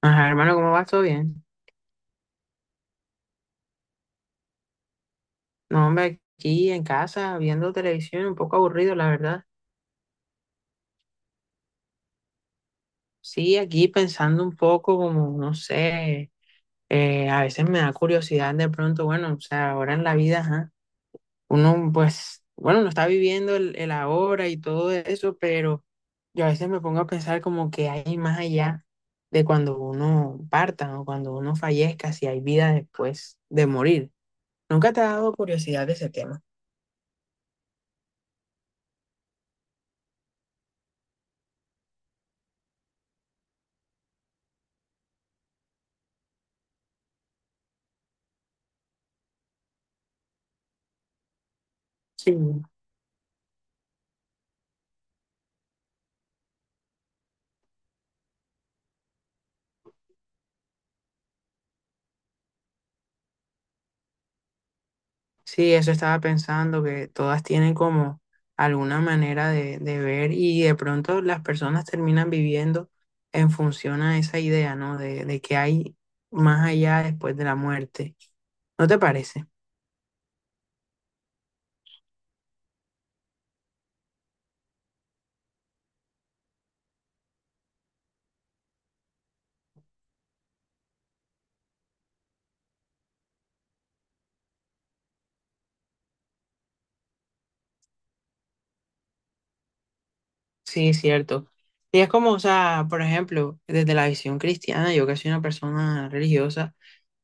Ajá, hermano, ¿cómo vas? ¿Todo bien? No, hombre, aquí en casa, viendo televisión, un poco aburrido, la verdad. Sí, aquí pensando un poco como, no sé, a veces me da curiosidad de pronto, bueno, o sea, ahora en la vida, ajá, uno pues, bueno, no está viviendo el ahora y todo eso, pero yo a veces me pongo a pensar como que hay más allá de cuando uno parta o cuando uno fallezca, si hay vida después de morir. ¿Nunca te ha dado curiosidad de ese tema? Sí. Sí, eso estaba pensando, que todas tienen como alguna manera de ver y de pronto las personas terminan viviendo en función a esa idea, ¿no? De que hay más allá después de la muerte. ¿No te parece? Sí, es cierto. Y es como, o sea, por ejemplo, desde la visión cristiana, yo que soy una persona religiosa,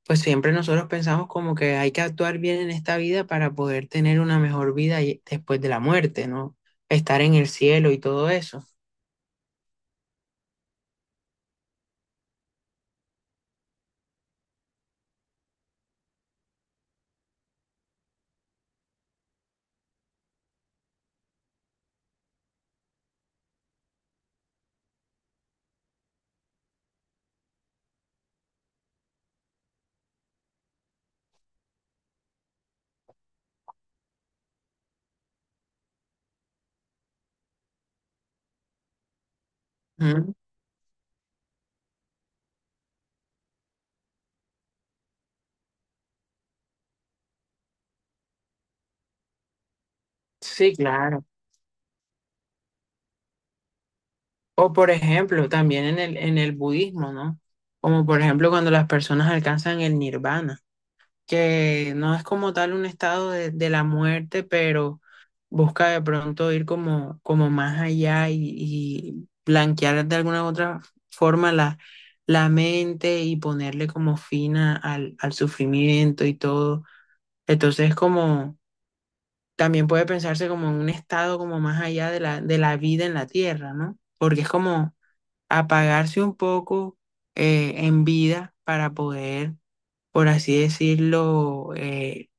pues siempre nosotros pensamos como que hay que actuar bien en esta vida para poder tener una mejor vida después de la muerte, ¿no? Estar en el cielo y todo eso. Sí, claro. O por ejemplo, también en el budismo, ¿no? Como por ejemplo cuando las personas alcanzan el nirvana, que no es como tal un estado de la muerte, pero busca de pronto ir como, como más allá y blanquear de alguna u otra forma la mente y ponerle como fin al al sufrimiento y todo. Entonces como... también puede pensarse como en un estado como más allá de de la vida en la tierra, ¿no? Porque es como apagarse un poco en vida para poder, por así decirlo,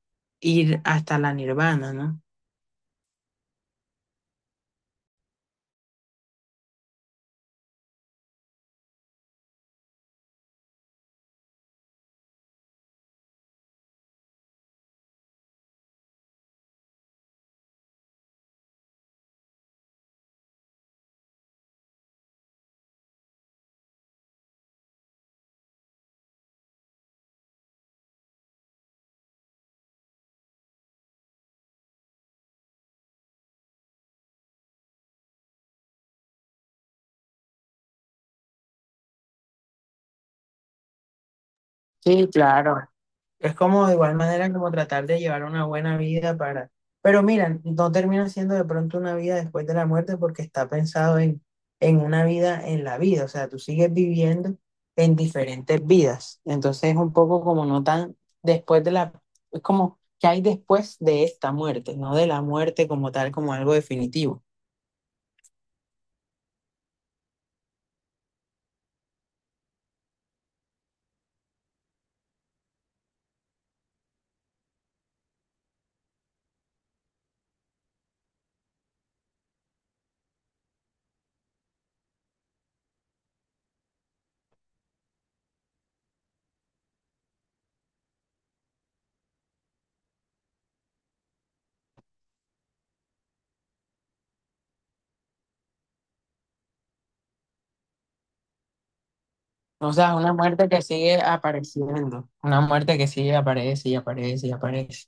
ir hasta la nirvana, ¿no? Sí, claro. Es como de igual manera como tratar de llevar una buena vida para... Pero mira, no termina siendo de pronto una vida después de la muerte porque está pensado en una vida en la vida. O sea, tú sigues viviendo en diferentes vidas. Entonces es un poco como no tan después de la... Es como que hay después de esta muerte, no de la muerte como tal, como algo definitivo. O sea, una muerte que sigue apareciendo, una muerte que sigue aparece y aparece y aparece.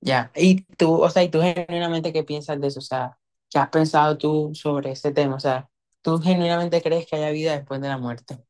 Ya, y tú, o sea, ¿y tú genuinamente qué piensas de eso? O sea, ¿qué has pensado tú sobre ese tema? O sea, ¿tú genuinamente crees que haya vida después de la muerte?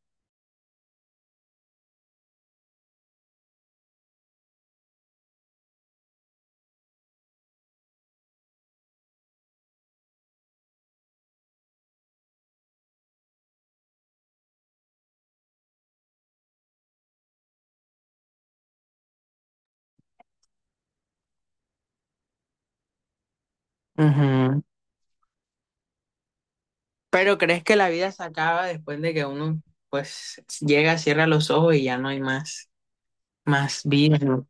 Ujú. Pero ¿crees que la vida se acaba después de que uno, pues, llega, cierra los ojos y ya no hay más, más vida? ¿No?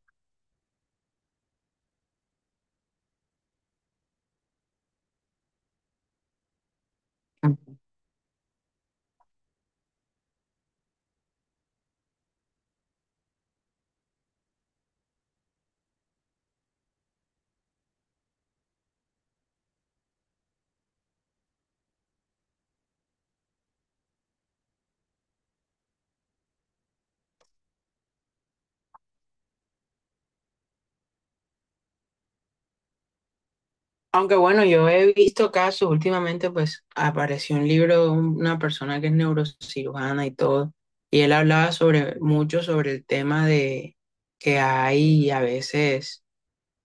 Aunque bueno, yo he visto casos últimamente, pues, apareció un libro de una persona que es neurocirujana y todo, y él hablaba sobre mucho sobre el tema de que hay a veces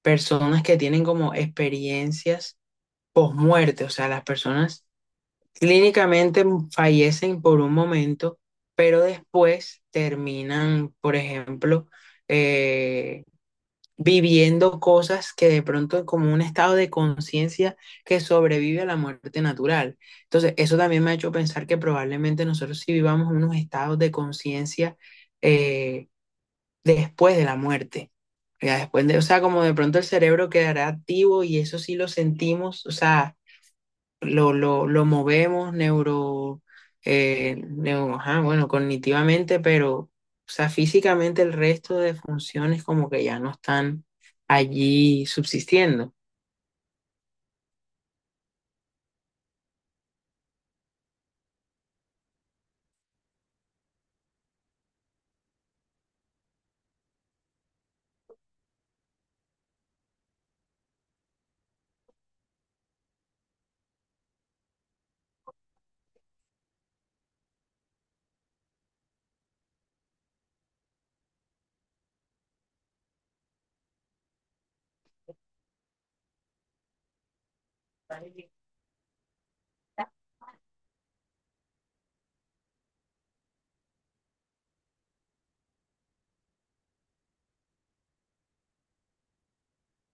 personas que tienen como experiencias post-muerte, o sea, las personas clínicamente fallecen por un momento, pero después terminan, por ejemplo, eh, viviendo cosas que de pronto es como un estado de conciencia que sobrevive a la muerte natural. Entonces, eso también me ha hecho pensar que probablemente nosotros sí vivamos unos estados de conciencia eh, después de la muerte. Ya después de, o sea, como de pronto el cerebro quedará activo y eso sí lo sentimos, o sea, lo movemos neuro, ajá, bueno, cognitivamente, pero, o sea, físicamente el resto de funciones como que ya no están allí subsistiendo.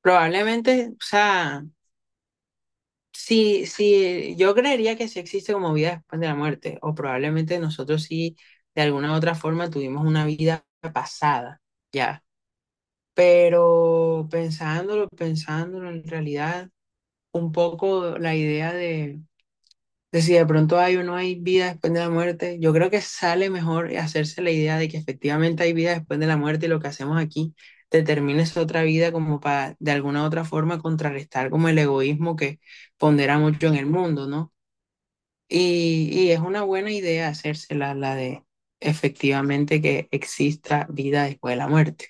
Probablemente, o sea, sí, sí, yo creería que sí existe como vida después de la muerte, o probablemente nosotros sí, de alguna u otra forma, tuvimos una vida pasada. Ya, pero pensándolo, pensándolo en realidad, un poco la idea de si de pronto hay o no hay vida después de la muerte, yo creo que sale mejor hacerse la idea de que efectivamente hay vida después de la muerte y lo que hacemos aquí determina esa otra vida como para de alguna u otra forma contrarrestar como el egoísmo que pondera mucho en el mundo, ¿no? Y es una buena idea hacérsela, la de efectivamente que exista vida después de la muerte.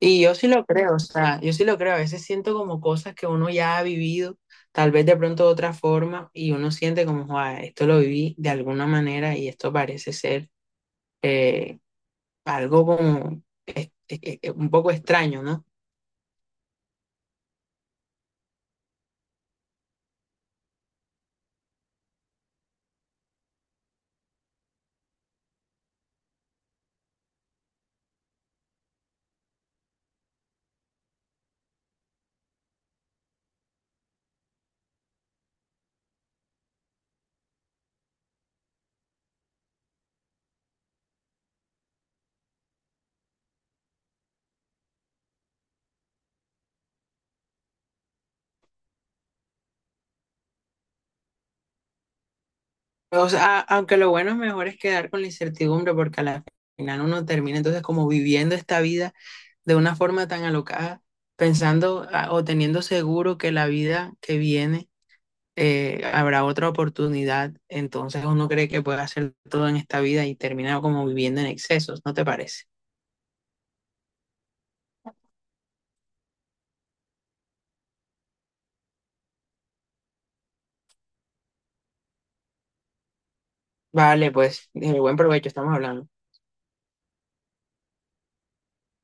Y yo sí lo creo, o sea, yo sí lo creo. A veces siento como cosas que uno ya ha vivido, tal vez de pronto de otra forma, y uno siente como, "Joa, esto lo viví de alguna manera y esto parece ser eh, algo como un poco extraño, ¿no? O sea, aunque lo bueno es mejor es quedar con la incertidumbre porque a la final uno termina entonces como viviendo esta vida de una forma tan alocada, pensando ah, o teniendo seguro que la vida que viene habrá otra oportunidad, entonces uno cree que puede hacer todo en esta vida y termina como viviendo en excesos, ¿no te parece? Vale, pues, buen provecho, estamos hablando.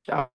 Chao.